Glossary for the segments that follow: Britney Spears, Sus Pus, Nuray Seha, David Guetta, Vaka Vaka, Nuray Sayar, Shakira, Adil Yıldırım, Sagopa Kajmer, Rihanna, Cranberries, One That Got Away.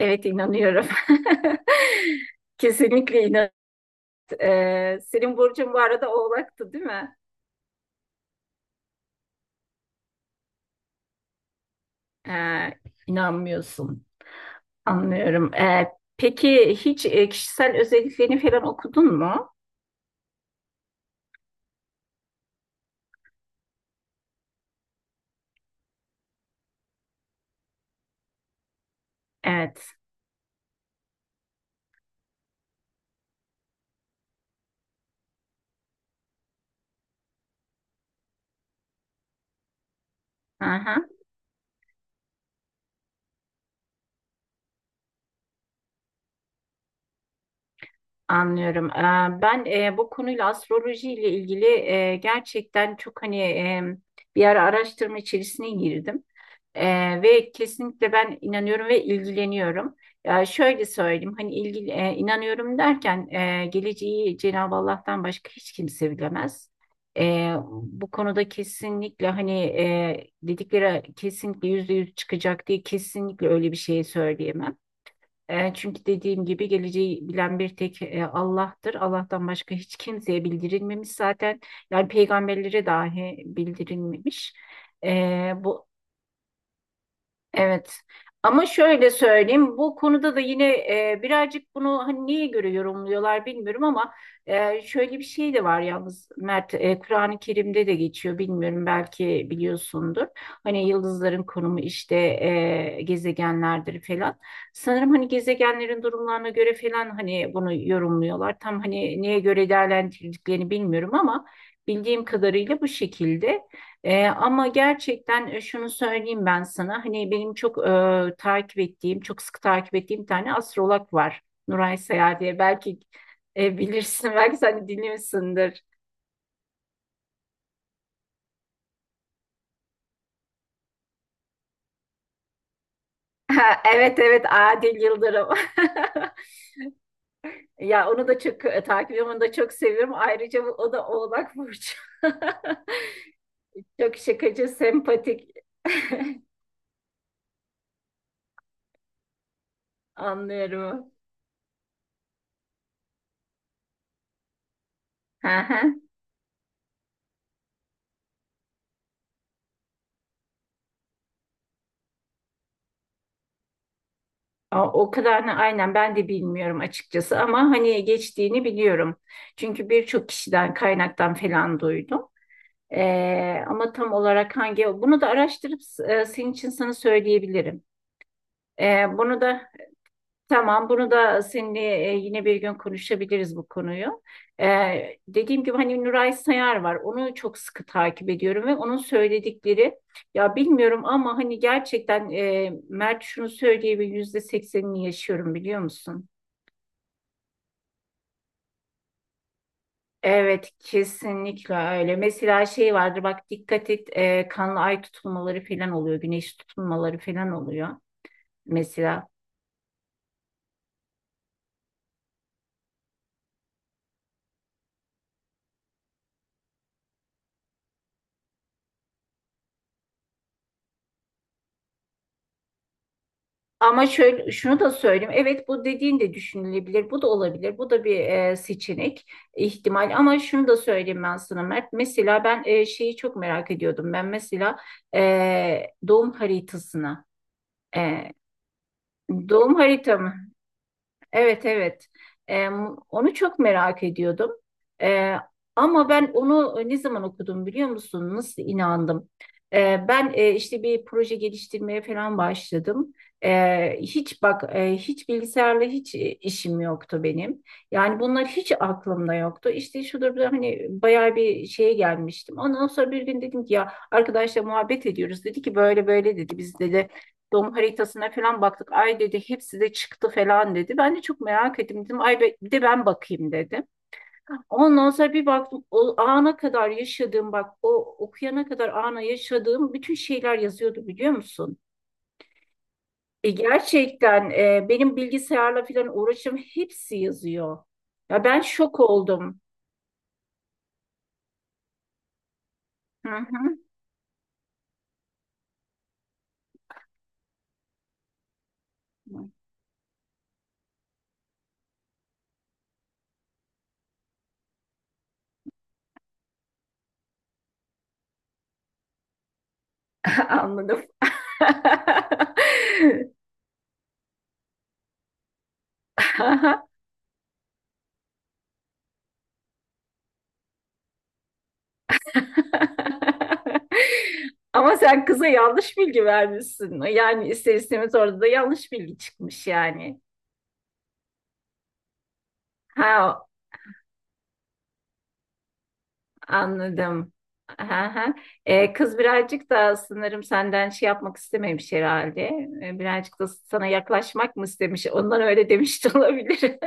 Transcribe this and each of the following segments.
Evet inanıyorum. Kesinlikle inan. Senin burcun bu arada Oğlak'tı değil mi? Ee, inanmıyorsun. Anlıyorum. Peki hiç kişisel özelliklerini falan okudun mu? Evet. Aha, anlıyorum. Ben bu konuyla astroloji ile ilgili gerçekten çok hani bir ara araştırma içerisine girdim. Ve kesinlikle ben inanıyorum ve ilgileniyorum. Ya şöyle söyleyeyim hani ilgi, inanıyorum derken geleceği Cenab-ı Allah'tan başka hiç kimse bilemez. Bu konuda kesinlikle hani dedikleri kesinlikle yüzde yüz çıkacak diye kesinlikle öyle bir şey söyleyemem. Çünkü dediğim gibi geleceği bilen bir tek Allah'tır. Allah'tan başka hiç kimseye bildirilmemiş zaten. Yani peygamberlere dahi bildirilmemiş. E, bu Evet. Ama şöyle söyleyeyim, bu konuda da yine birazcık bunu hani neye göre yorumluyorlar bilmiyorum ama şöyle bir şey de var yalnız Mert, Kur'an-ı Kerim'de de geçiyor bilmiyorum belki biliyorsundur. Hani yıldızların konumu işte gezegenlerdir falan. Sanırım hani gezegenlerin durumlarına göre falan hani bunu yorumluyorlar. Tam hani neye göre değerlendirdiklerini bilmiyorum ama bildiğim kadarıyla bu şekilde. Ama gerçekten şunu söyleyeyim ben sana. Hani benim çok takip ettiğim, çok sık takip ettiğim bir tane astrolog var. Nuray Seha diye. Belki bilirsin, belki sen de dinliyorsundur. Ha, evet evet, Adil Yıldırım. Ya onu da çok takip ediyorum, onu da çok seviyorum. Ayrıca o da Oğlak Burcu. Çok şakacı, sempatik. Anlıyorum. Aa, o kadarını aynen ben de bilmiyorum açıkçası ama hani geçtiğini biliyorum. Çünkü birçok kişiden kaynaktan falan duydum. Ama tam olarak hangi bunu da araştırıp senin için sana söyleyebilirim. Bunu da Tamam, bunu da seninle yine bir gün konuşabiliriz bu konuyu. Dediğim gibi hani Nuray Sayar var, onu çok sıkı takip ediyorum ve onun söyledikleri ya bilmiyorum ama hani gerçekten Mert, şunu söyleyebilir yüzde seksenini yaşıyorum biliyor musun? Evet, kesinlikle öyle. Mesela şey vardır bak, dikkat et, kanlı ay tutulmaları falan oluyor. Güneş tutulmaları falan oluyor mesela. Ama şöyle şunu da söyleyeyim. Evet, bu dediğin de düşünülebilir. Bu da olabilir. Bu da bir seçenek, ihtimal. Ama şunu da söyleyeyim ben sana Mert. Mesela ben şeyi çok merak ediyordum. Ben mesela doğum haritasını. E, Doğum haritamı. Evet, evet. Ee, Onu çok merak ediyordum. Ee, Ama ben onu ne zaman okudum biliyor musun? Nasıl inandım? Ben işte bir proje geliştirmeye falan başladım. Hiç bak, hiç bilgisayarla hiç işim yoktu benim. Yani bunlar hiç aklımda yoktu. İşte şudur da hani bayağı bir şeye gelmiştim. Ondan sonra bir gün dedim ki ya, arkadaşla muhabbet ediyoruz. Dedi ki böyle böyle dedi. Biz dedi doğum haritasına falan baktık. Ay dedi hepsi de çıktı falan dedi. Ben de çok merak ettim dedim. Ay, bir de ben bakayım dedim. Ondan sonra bir baktım, o ana kadar yaşadığım, bak o okuyana kadar ana yaşadığım bütün şeyler yazıyordu biliyor musun? Gerçekten benim bilgisayarla falan uğraşım hepsi yazıyor. Ya ben şok oldum. Hı hı. Anladım. Ama sen kıza yanlış bilgi vermişsin. Yani ister istemez orada da yanlış bilgi çıkmış yani. Ha, anladım. Ha, ha. Kız birazcık da sanırım senden şey yapmak istememiş herhalde. Birazcık da sana yaklaşmak mı istemiş? Ondan öyle demiş de olabilir.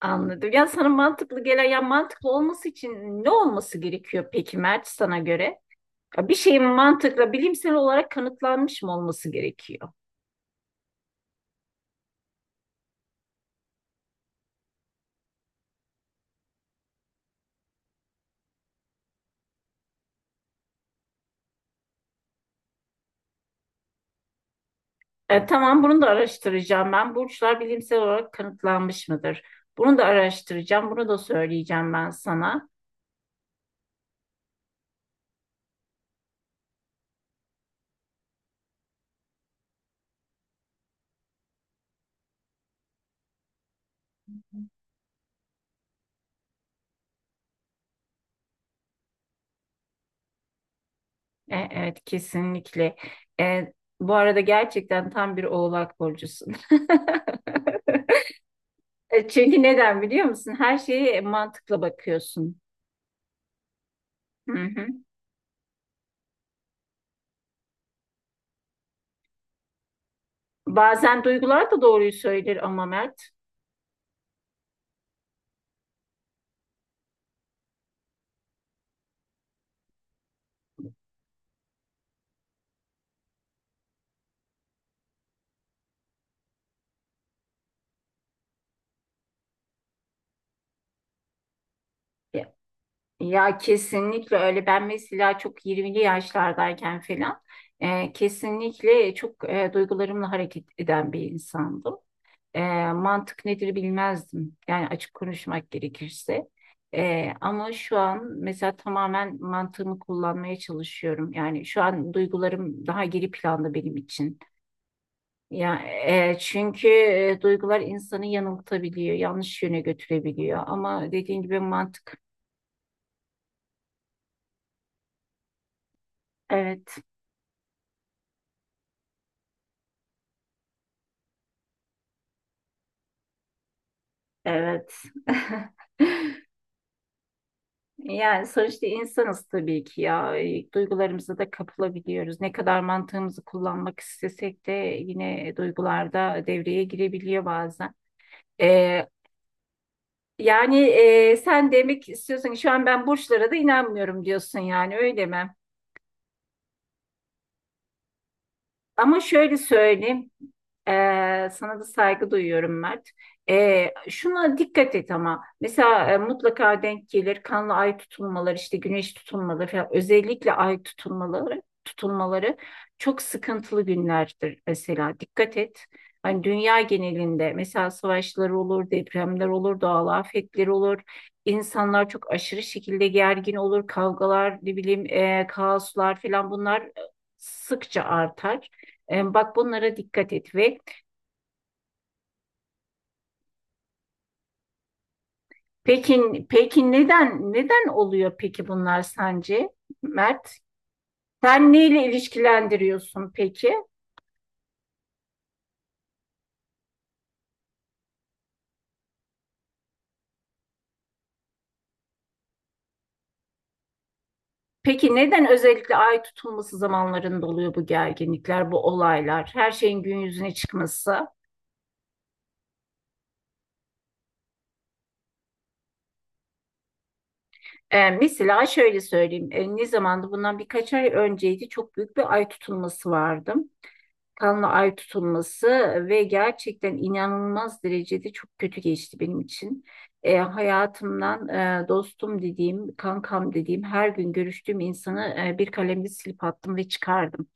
Anladım. Ya sana mantıklı gelen, ya mantıklı olması için ne olması gerekiyor peki Mert, sana göre? Ya bir şeyin mantıkla bilimsel olarak kanıtlanmış mı olması gerekiyor? Tamam, bunu da araştıracağım ben. Burçlar bilimsel olarak kanıtlanmış mıdır? Bunu da araştıracağım. Bunu da söyleyeceğim ben sana. Evet, kesinlikle. E, Bu arada gerçekten tam bir oğlak burcusun. Çünkü neden biliyor musun? Her şeye mantıkla bakıyorsun. Hı hı. Bazen duygular da doğruyu söyler ama Mert. Ya, ya kesinlikle öyle. Ben mesela çok 20'li yaşlardayken falan kesinlikle çok duygularımla hareket eden bir insandım. E, Mantık nedir bilmezdim. Yani açık konuşmak gerekirse. Ama şu an mesela tamamen mantığımı kullanmaya çalışıyorum. Yani şu an duygularım daha geri planda benim için. Ya çünkü duygular insanı yanıltabiliyor, yanlış yöne götürebiliyor. Ama dediğin gibi mantık. Evet, evet. Yani sonuçta insanız tabii ki ya. Duygularımıza da kapılabiliyoruz. Ne kadar mantığımızı kullanmak istesek de yine duygularda devreye girebiliyor bazen. E, Yani sen demek istiyorsun ki şu an ben burçlara da inanmıyorum diyorsun, yani öyle mi? Ama şöyle söyleyeyim. Sana da saygı duyuyorum Mert. Şuna dikkat et ama mesela mutlaka denk gelir kanlı ay tutulmaları işte güneş tutulmaları falan, özellikle ay tutulmaları çok sıkıntılı günlerdir mesela, dikkat et. Hani dünya genelinde mesela savaşlar olur, depremler olur, doğal afetler olur. İnsanlar çok aşırı şekilde gergin olur, kavgalar, ne bileyim, kaoslar falan, bunlar sıkça artar. Bak bunlara dikkat et ve peki, peki neden neden oluyor peki bunlar sence Mert? Sen neyle ilişkilendiriyorsun peki? Peki neden özellikle ay tutulması zamanlarında oluyor bu gerginlikler, bu olaylar, her şeyin gün yüzüne çıkması? Mesela şöyle söyleyeyim, ne zamandı? Bundan birkaç ay önceydi, çok büyük bir ay tutulması vardı. Kanla ay tutulması ve gerçekten inanılmaz derecede çok kötü geçti benim için. Hayatımdan dostum dediğim, kankam dediğim, her gün görüştüğüm insanı bir kalemle silip attım ve çıkardım.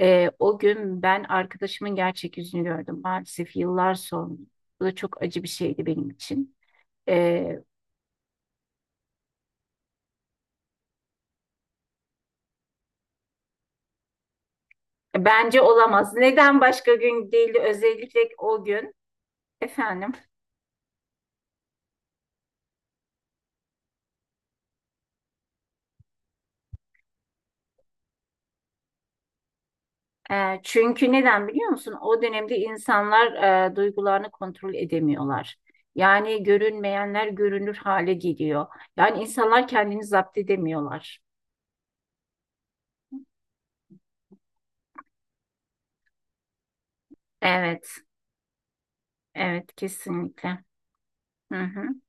O gün ben arkadaşımın gerçek yüzünü gördüm maalesef yıllar sonra. Bu da çok acı bir şeydi benim için. E, Bence olamaz. Neden başka gün değil, özellikle o gün? Efendim? Çünkü neden biliyor musun? O dönemde insanlar duygularını kontrol edemiyorlar. Yani görünmeyenler görünür hale geliyor. Yani insanlar kendini zapt edemiyorlar. Evet, evet kesinlikle. Hı hı.